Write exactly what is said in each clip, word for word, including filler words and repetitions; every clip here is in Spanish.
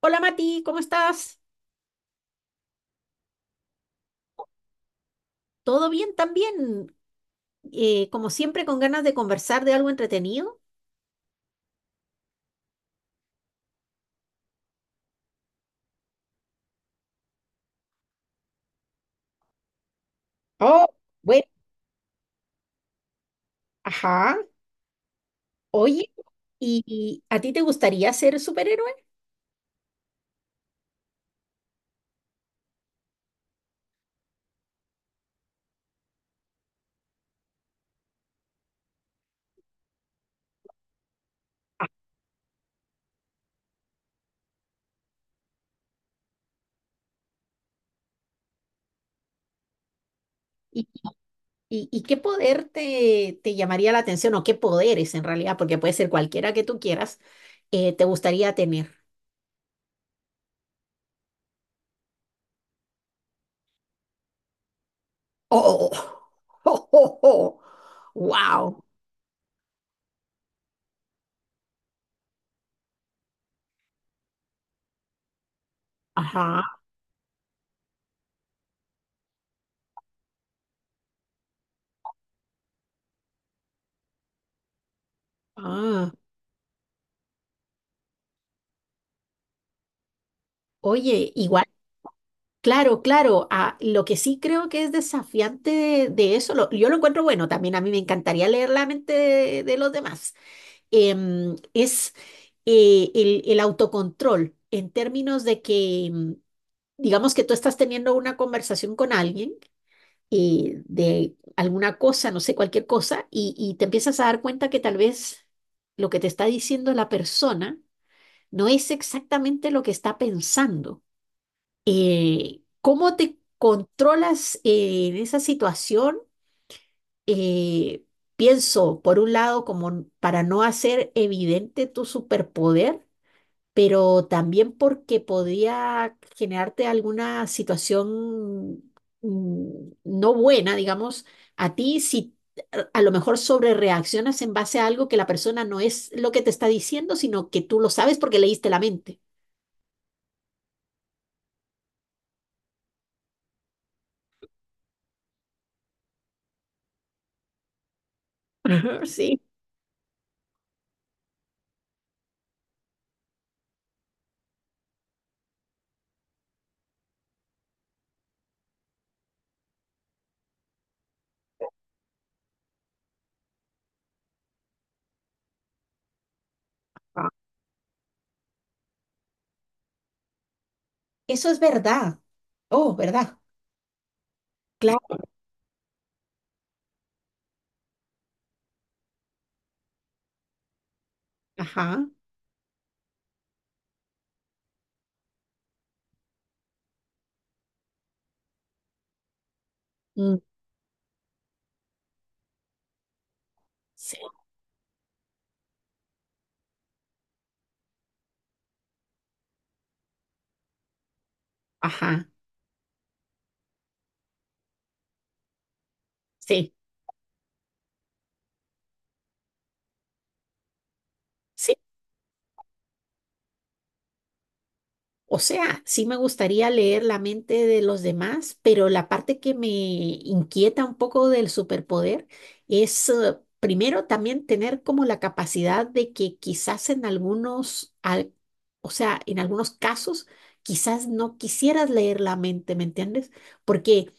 Hola Mati, ¿cómo estás? ¿Todo bien también? Eh, como siempre, con ganas de conversar de algo entretenido. Oh, bueno, ajá. Oye, ¿y, y a ti te gustaría ser superhéroe? ¿Y, y- y qué poder te, te llamaría la atención o qué poderes en realidad, porque puede ser cualquiera que tú quieras, eh, te gustaría tener? ¡Oh! ¡Oh, oh, oh! ¡Wow! Ajá. Ah, oye, igual claro, claro. Ah, lo que sí creo que es desafiante de, de eso, lo- yo lo encuentro bueno, también a mí me encantaría leer la mente de, de los demás, em, es eh, el, el autocontrol en términos de que, em, digamos que tú estás teniendo una conversación con alguien eh, de alguna cosa, no sé, cualquier cosa, y, y te empiezas a dar cuenta que tal vez lo que te está diciendo la persona no es exactamente lo que está pensando. Eh, ¿Cómo te controlas eh, en esa situación? Eh, Pienso, por un lado, como n- para no hacer evidente tu superpoder, pero también porque podría generarte alguna situación mm, no buena, digamos, a ti si a a lo mejor sobre reaccionas en base a algo que la persona no es lo que te está diciendo, sino que tú lo sabes porque leíste la mente. Ajá, sí. Ah. Eso es verdad. Oh, ¿verdad? Claro, ajá, mm, sí, ajá, sí, sí. O sea, sí me gustaría leer la mente de los demás, pero la parte que me inquieta un poco del superpoder es, eh, primero, también tener como la capacidad de que quizás en algunos, al- o sea, en algunos casos, quizás no quisieras leer la mente, ¿me entiendes? Porque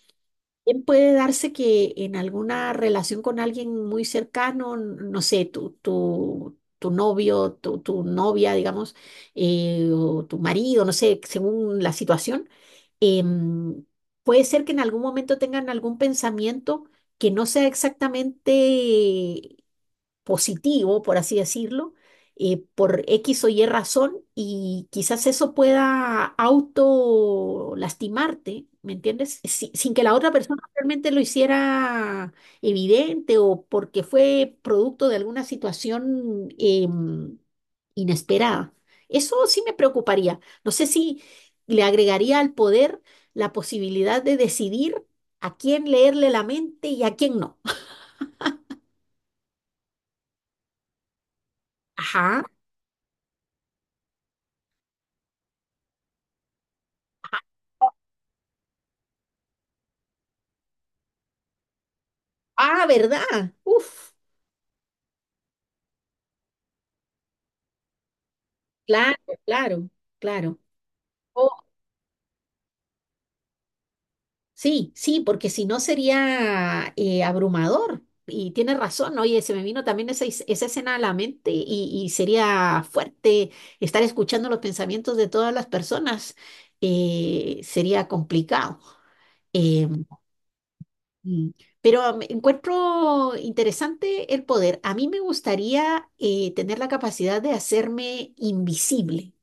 también puede darse que en alguna relación con alguien muy cercano, n- no sé, tu, tu, tu novio, tu, tu novia, digamos, eh, o tu marido, no sé, según la situación, em, puede ser que en algún momento tengan algún pensamiento que no sea exactamente positivo, por así decirlo, eh, por X o Y razón y quizás eso pueda auto lastimarte, ¿me entiendes? Si- sin que la otra persona realmente lo hiciera evidente o porque fue producto de alguna situación em, inesperada. Eso sí me preocuparía. No sé si le agregaría al poder la posibilidad de decidir a quién leerle la mente y a quién no. Ajá. Ah, ¿verdad? Uf, claro, claro, claro. Oh, sí, sí, porque si no sería eh, abrumador. Y tienes razón, oye, se me vino también esa, is- esa escena a la mente y, y sería fuerte estar escuchando los pensamientos de todas las personas. Eh, sería complicado. Eh, mm, pero me encuentro interesante el poder. A mí me gustaría eh, tener la capacidad de hacerme invisible.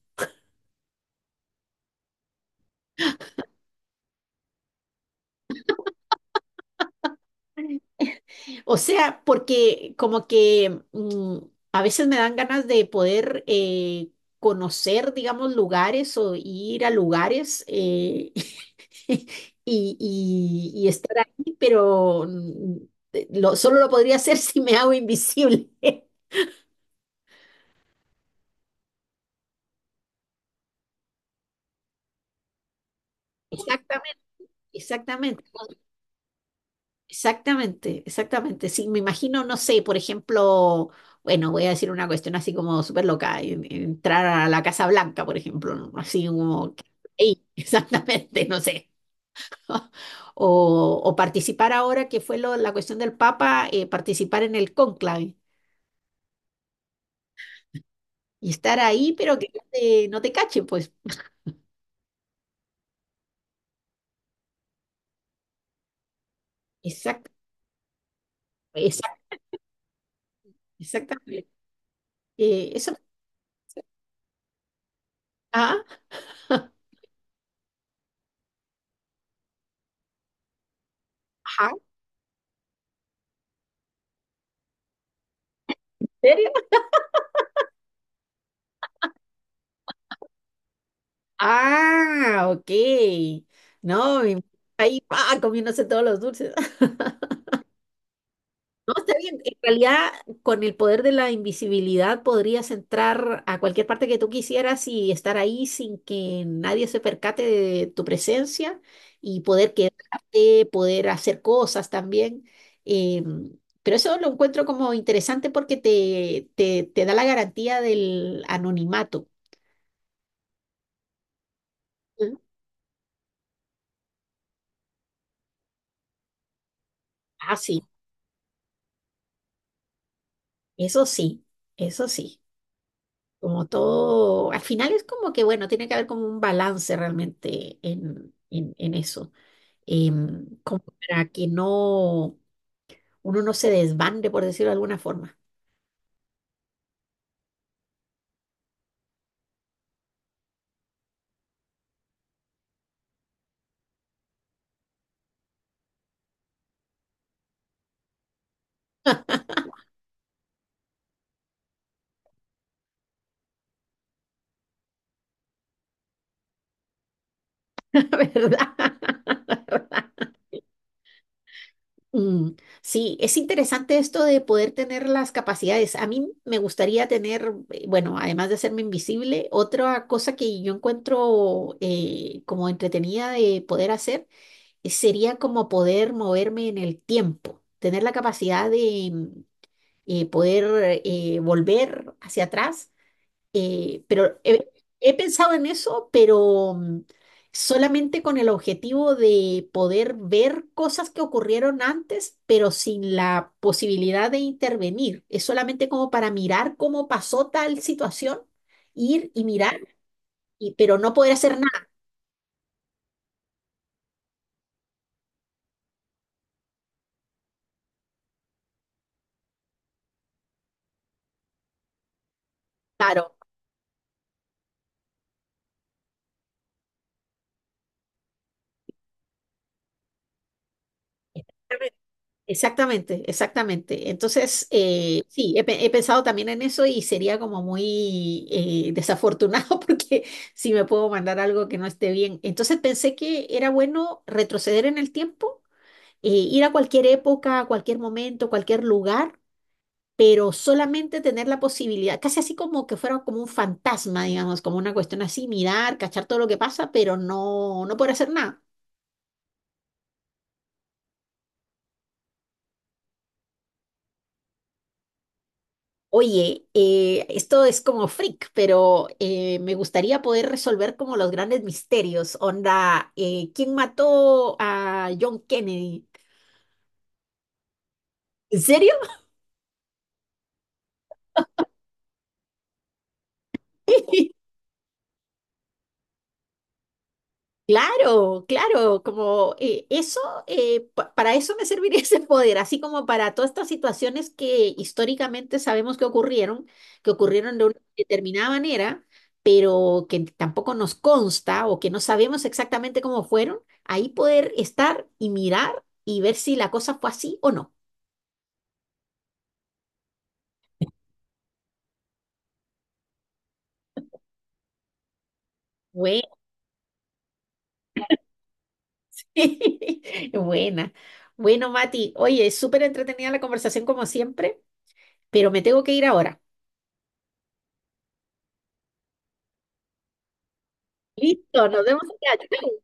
O sea, porque como que mm, a veces me dan ganas de poder eh, conocer, digamos, lugares o ir a lugares eh, y, y- y estar ahí, pero mm, eh, lo- solo lo podría hacer si me hago invisible. Exactamente, exactamente. Exactamente, exactamente. Sí, me imagino, no sé, por ejemplo, bueno, voy a decir una cuestión así como súper loca, en- entrar a la Casa Blanca, por ejemplo, ¿no? Así como, que- ey, exactamente, no sé. O, o participar ahora, que fue lo- la cuestión del Papa, eh, participar en el cónclave y estar ahí, pero que no te, no te cachen, pues. Exacto, exacto, exactamente. Eh, eso. Ah, ajá, ¿en serio? Ah, ok. No, mi- Ahí pa, comiéndose todos los dulces. No, está bien. En realidad, con el poder de la invisibilidad podrías entrar a cualquier parte que tú quisieras y estar ahí sin que nadie se percate de tu presencia y poder quedarte, poder hacer cosas también. Eh, pero eso lo encuentro como interesante porque te, te, te da la garantía del anonimato. Ujú. Ah, sí, eso sí, eso sí. Como todo, al final es como que, bueno, tiene que haber como un balance realmente en, en, en eso, em, como para que no, uno no se desbande, por decirlo de alguna forma, ¿verdad? ¿Verdad? Mm, sí, es interesante esto de poder tener las capacidades. A mí me gustaría tener, eh, bueno, además de hacerme invisible, otra cosa que yo encuentro eh, como entretenida de poder hacer eh, sería como poder moverme en el tiempo, tener la capacidad de mm, eh, poder eh, volver hacia atrás. eh, pero he, He pensado en eso, pero mm, solamente con el objetivo de poder ver cosas que ocurrieron antes, pero sin la posibilidad de intervenir. Es solamente como para mirar cómo pasó tal situación, ir y mirar, y, pero no poder hacer nada. Claro. Exactamente, exactamente. Entonces, eh, sí, he, pe- he pensado también en eso y sería como muy eh, desafortunado porque si me puedo mandar algo que no esté bien. Entonces pensé que era bueno retroceder en el tiempo, eh, ir a cualquier época, a cualquier momento, cualquier lugar, pero solamente tener la posibilidad, casi así como que fuera como un fantasma, digamos, como una cuestión así, mirar, cachar todo lo que pasa, pero no, no poder hacer nada. Oye, eh, esto es como freak, pero eh, me gustaría poder resolver como los grandes misterios. Onda, eh, ¿quién mató a John Kennedy? ¿En serio? Claro, claro, como eh, eso, eh, pa- para eso me serviría ese poder, así como para todas estas situaciones que históricamente sabemos que ocurrieron, que ocurrieron de una determinada manera, pero que tampoco nos consta o que no sabemos exactamente cómo fueron, ahí poder estar y mirar y ver si la cosa fue así o no. Bue- Buena. Bueno, Mati, oye, súper entretenida la conversación como siempre, pero me tengo que ir ahora. Listo, nos vemos allá.